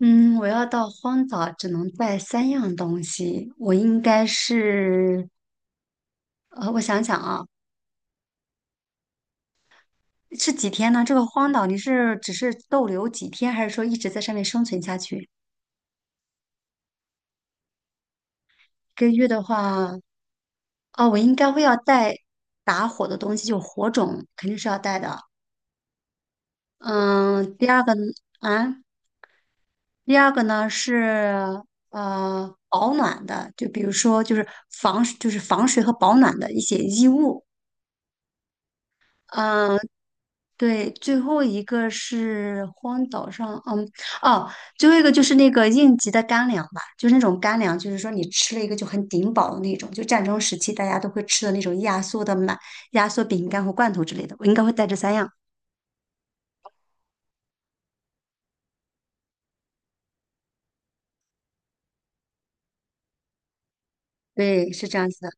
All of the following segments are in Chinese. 嗯，我要到荒岛只能带三样东西，我应该是，我想想啊，是几天呢？这个荒岛你是只是逗留几天，还是说一直在上面生存下去？一个月的话，哦，我应该会要带打火的东西，就火种肯定是要带的。嗯，啊，第二个呢是保暖的，就比如说就是防水和保暖的一些衣物。嗯，对，哦，最后一个就是那个应急的干粮吧，就是那种干粮，就是说你吃了一个就很顶饱的那种，就战争时期大家都会吃的那种压缩的压缩饼干和罐头之类的，我应该会带这三样。对，是这样子的，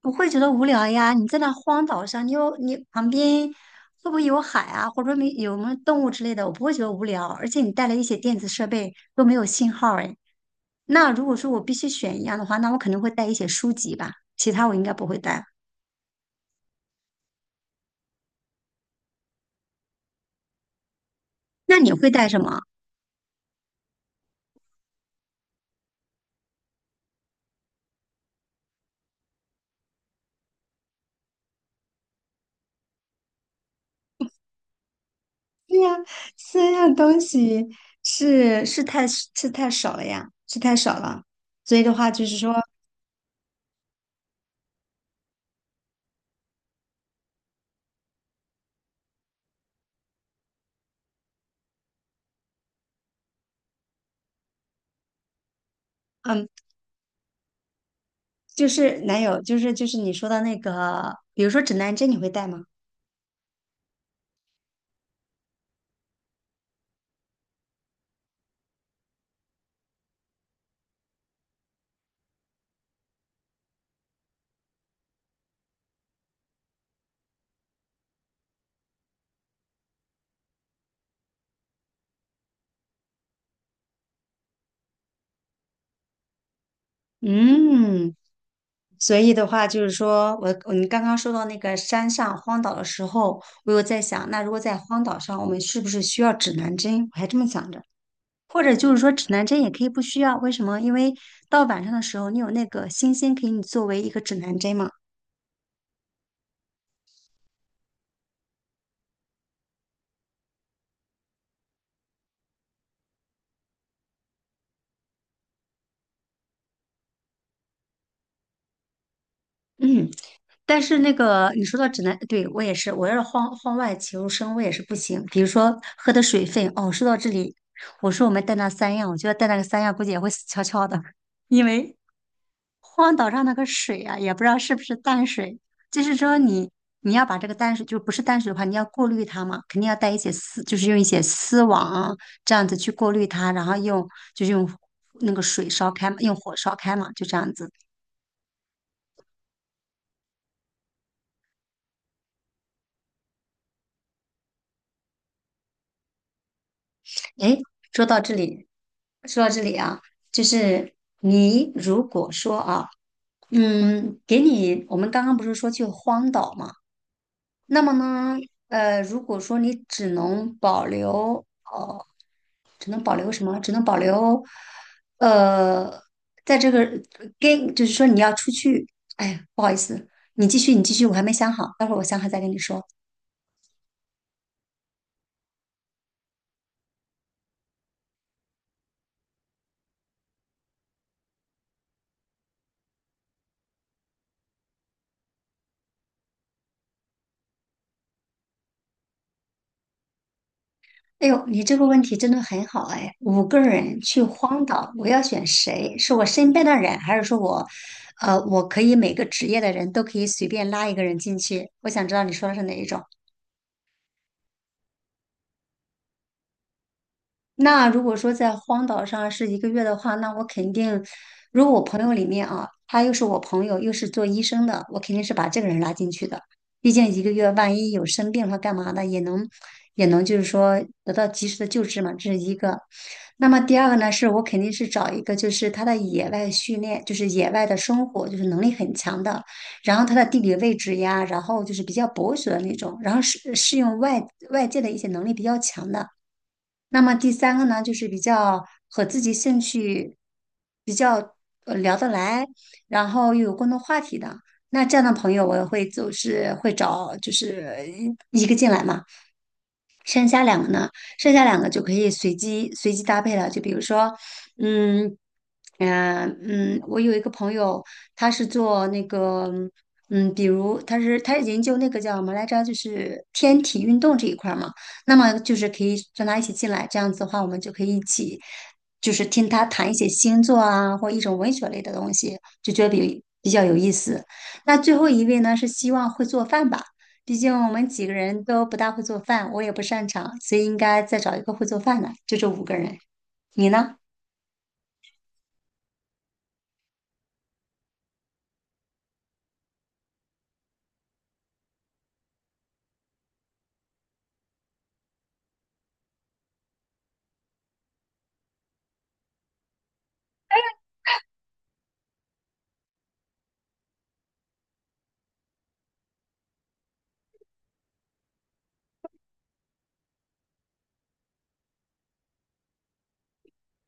不会觉得无聊呀？你在那荒岛上，你旁边会不会有海啊，或者说没有动物之类的？我不会觉得无聊，而且你带了一些电子设备都没有信号，哎。那如果说我必须选一样的话，那我肯定会带一些书籍吧，其他我应该不会带。那你会带什么？对呀，三样东西是是太是太少了呀，是太少了。所以的话，就是说，嗯，就是男友，就是你说的那个，比如说指南针，你会带吗？嗯，所以的话，就是说我们刚刚说到那个山上荒岛的时候，我有在想，那如果在荒岛上，我们是不是需要指南针？我还这么想着。或者就是说指南针也可以不需要，为什么？因为到晚上的时候，你有那个星星给你作为一个指南针嘛。嗯，但是那个你说到指南，对，我也是，我要是晃晃外求生，我也是不行。比如说喝的水分，哦，说到这里，我说我们带那三样，我觉得带那个三样估计也会死翘翘的，因为荒岛上那个水啊，也不知道是不是淡水，就是说你要把这个淡水，就不是淡水的话，你要过滤它嘛，肯定要带一些丝，就是用一些丝网啊这样子去过滤它，然后用就是用那个水烧开嘛，用火烧开嘛，就这样子。诶，说到这里，说到这里啊，就是你如果说啊，嗯，给你我们刚刚不是说去荒岛嘛，那么呢，如果说你只能保留。只能保留什么？只能保留，呃，在这个跟就是说你要出去，哎呀，不好意思，你继续，你继续，我还没想好，待会儿我想好再跟你说。哎呦，你这个问题真的很好哎！五个人去荒岛，我要选谁？是我身边的人，还是说我，我可以每个职业的人都可以随便拉一个人进去？我想知道你说的是哪一种。那如果说在荒岛上是一个月的话，那我肯定，如果我朋友里面啊，他又是我朋友，又是做医生的，我肯定是把这个人拉进去的。毕竟一个月万一有生病了干嘛的，也能就是说得到及时的救治嘛，这是一个。那么第二个呢，是我肯定是找一个就是他的野外训练，就是野外的生活，就是能力很强的，然后他的地理位置呀，然后就是比较博学的那种，然后适应外界的一些能力比较强的。那么第三个呢，就是比较和自己兴趣比较聊得来，然后又有共同话题的。那这样的朋友，我也会就是会找就是一个进来嘛。剩下两个呢，剩下两个就可以随机搭配了。就比如说，嗯，我有一个朋友，他是做那个，比如他是研究那个叫什么来着，就是天体运动这一块儿嘛。那么就是可以让他一起进来，这样子的话，我们就可以一起，就是听他谈一些星座啊，或一种文学类的东西，就觉得比较有意思。那最后一位呢，是希望会做饭吧。毕竟我们几个人都不大会做饭，我也不擅长，所以应该再找一个会做饭的，就这五个人。你呢？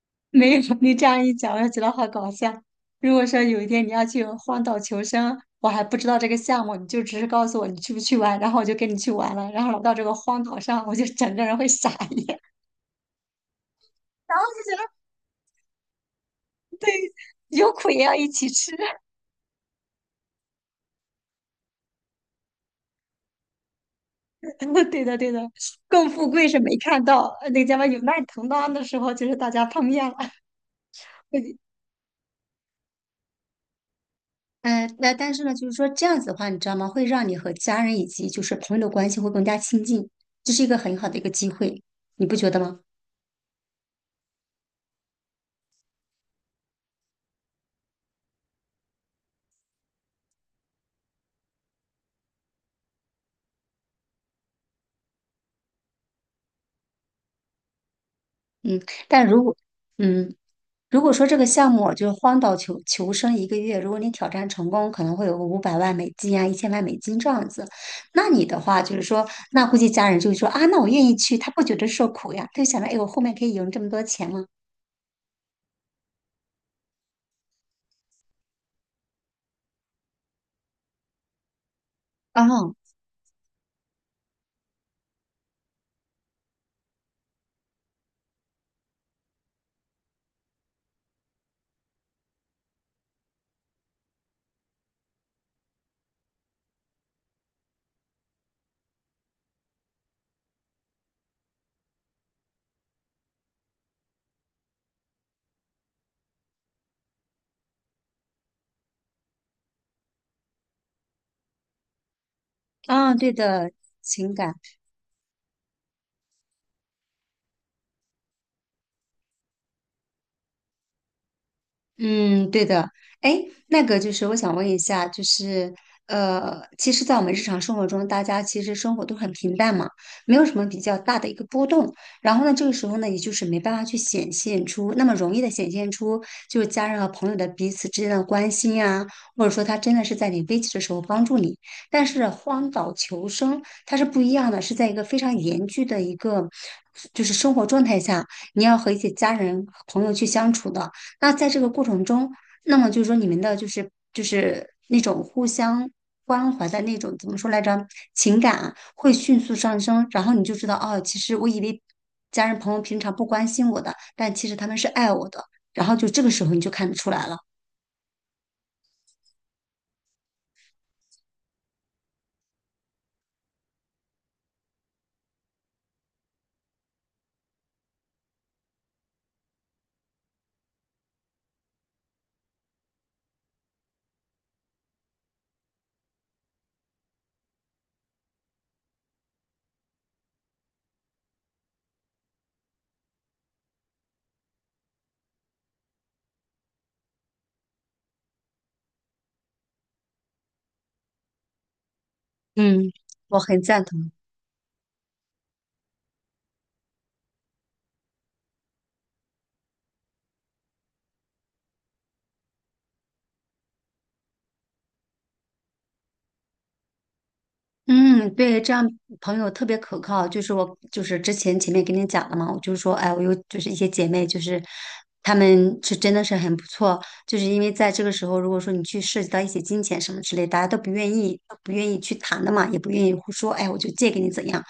没有，你这样一讲，我就觉得好搞笑。如果说有一天你要去荒岛求生，我还不知道这个项目，你就只是告诉我你去不去玩，然后我就跟你去玩了，然后到这个荒岛上，我就整个人会傻眼，然后就觉得有苦也要一起吃。对的，对的，更富贵是没看到，那个叫什么有难同当的时候，就是大家碰面了。嗯，那但是呢，就是说这样子的话，你知道吗？会让你和家人以及就是朋友的关系会更加亲近，这是一个很好的一个机会，你不觉得吗？嗯，但如果，嗯，如果说这个项目就是荒岛求生一个月，如果你挑战成功，可能会有个500万美金啊，1000万美金这样子。那你的话就是说，那估计家人就会说啊，那我愿意去，他不觉得受苦呀，他就想着，哎，我后面可以赢这么多钱吗？啊啊，对的，情感。嗯，对的。哎，那个就是我想问一下，就是其实，在我们日常生活中，大家其实生活都很平淡嘛，没有什么比较大的一个波动。然后呢，这个时候呢，也就是没办法去显现出那么容易的显现出，就是家人和朋友的彼此之间的关心呀，或者说他真的是在你危急的时候帮助你。但是荒岛求生它是不一样的，是在一个非常严峻的一个就是生活状态下，你要和一些家人、朋友去相处的。那在这个过程中，那么就是说你们的就是那种互相关怀的那种怎么说来着，情感啊会迅速上升，然后你就知道哦，其实我以为家人朋友平常不关心我的，但其实他们是爱我的，然后就这个时候你就看得出来了。嗯。我很赞同。嗯，对，这样朋友特别可靠。就是我，就是之前前面跟你讲了嘛，我就是说，哎，我有就是一些姐妹，就是她们是真的是很不错。就是因为在这个时候，如果说你去涉及到一些金钱什么之类，大家都不愿意，都不愿意去谈的嘛，也不愿意说，哎，我就借给你怎样。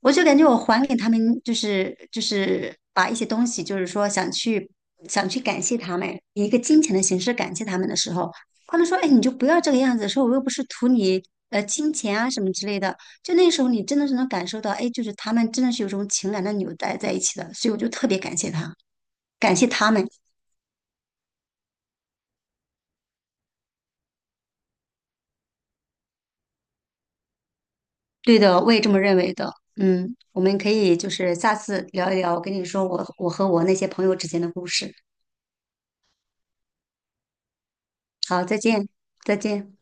我就感觉我还给他们，就是把一些东西，就是说想去感谢他们，以一个金钱的形式感谢他们的时候。他们说："哎，你就不要这个样子。"说我又不是图你金钱啊什么之类的。就那时候，你真的是能感受到，哎，就是他们真的是有种情感的纽带在一起的。所以我就特别感谢他们。对的，我也这么认为的。嗯，我们可以就是下次聊一聊，我跟你说我和我那些朋友之间的故事。好，再见，再见。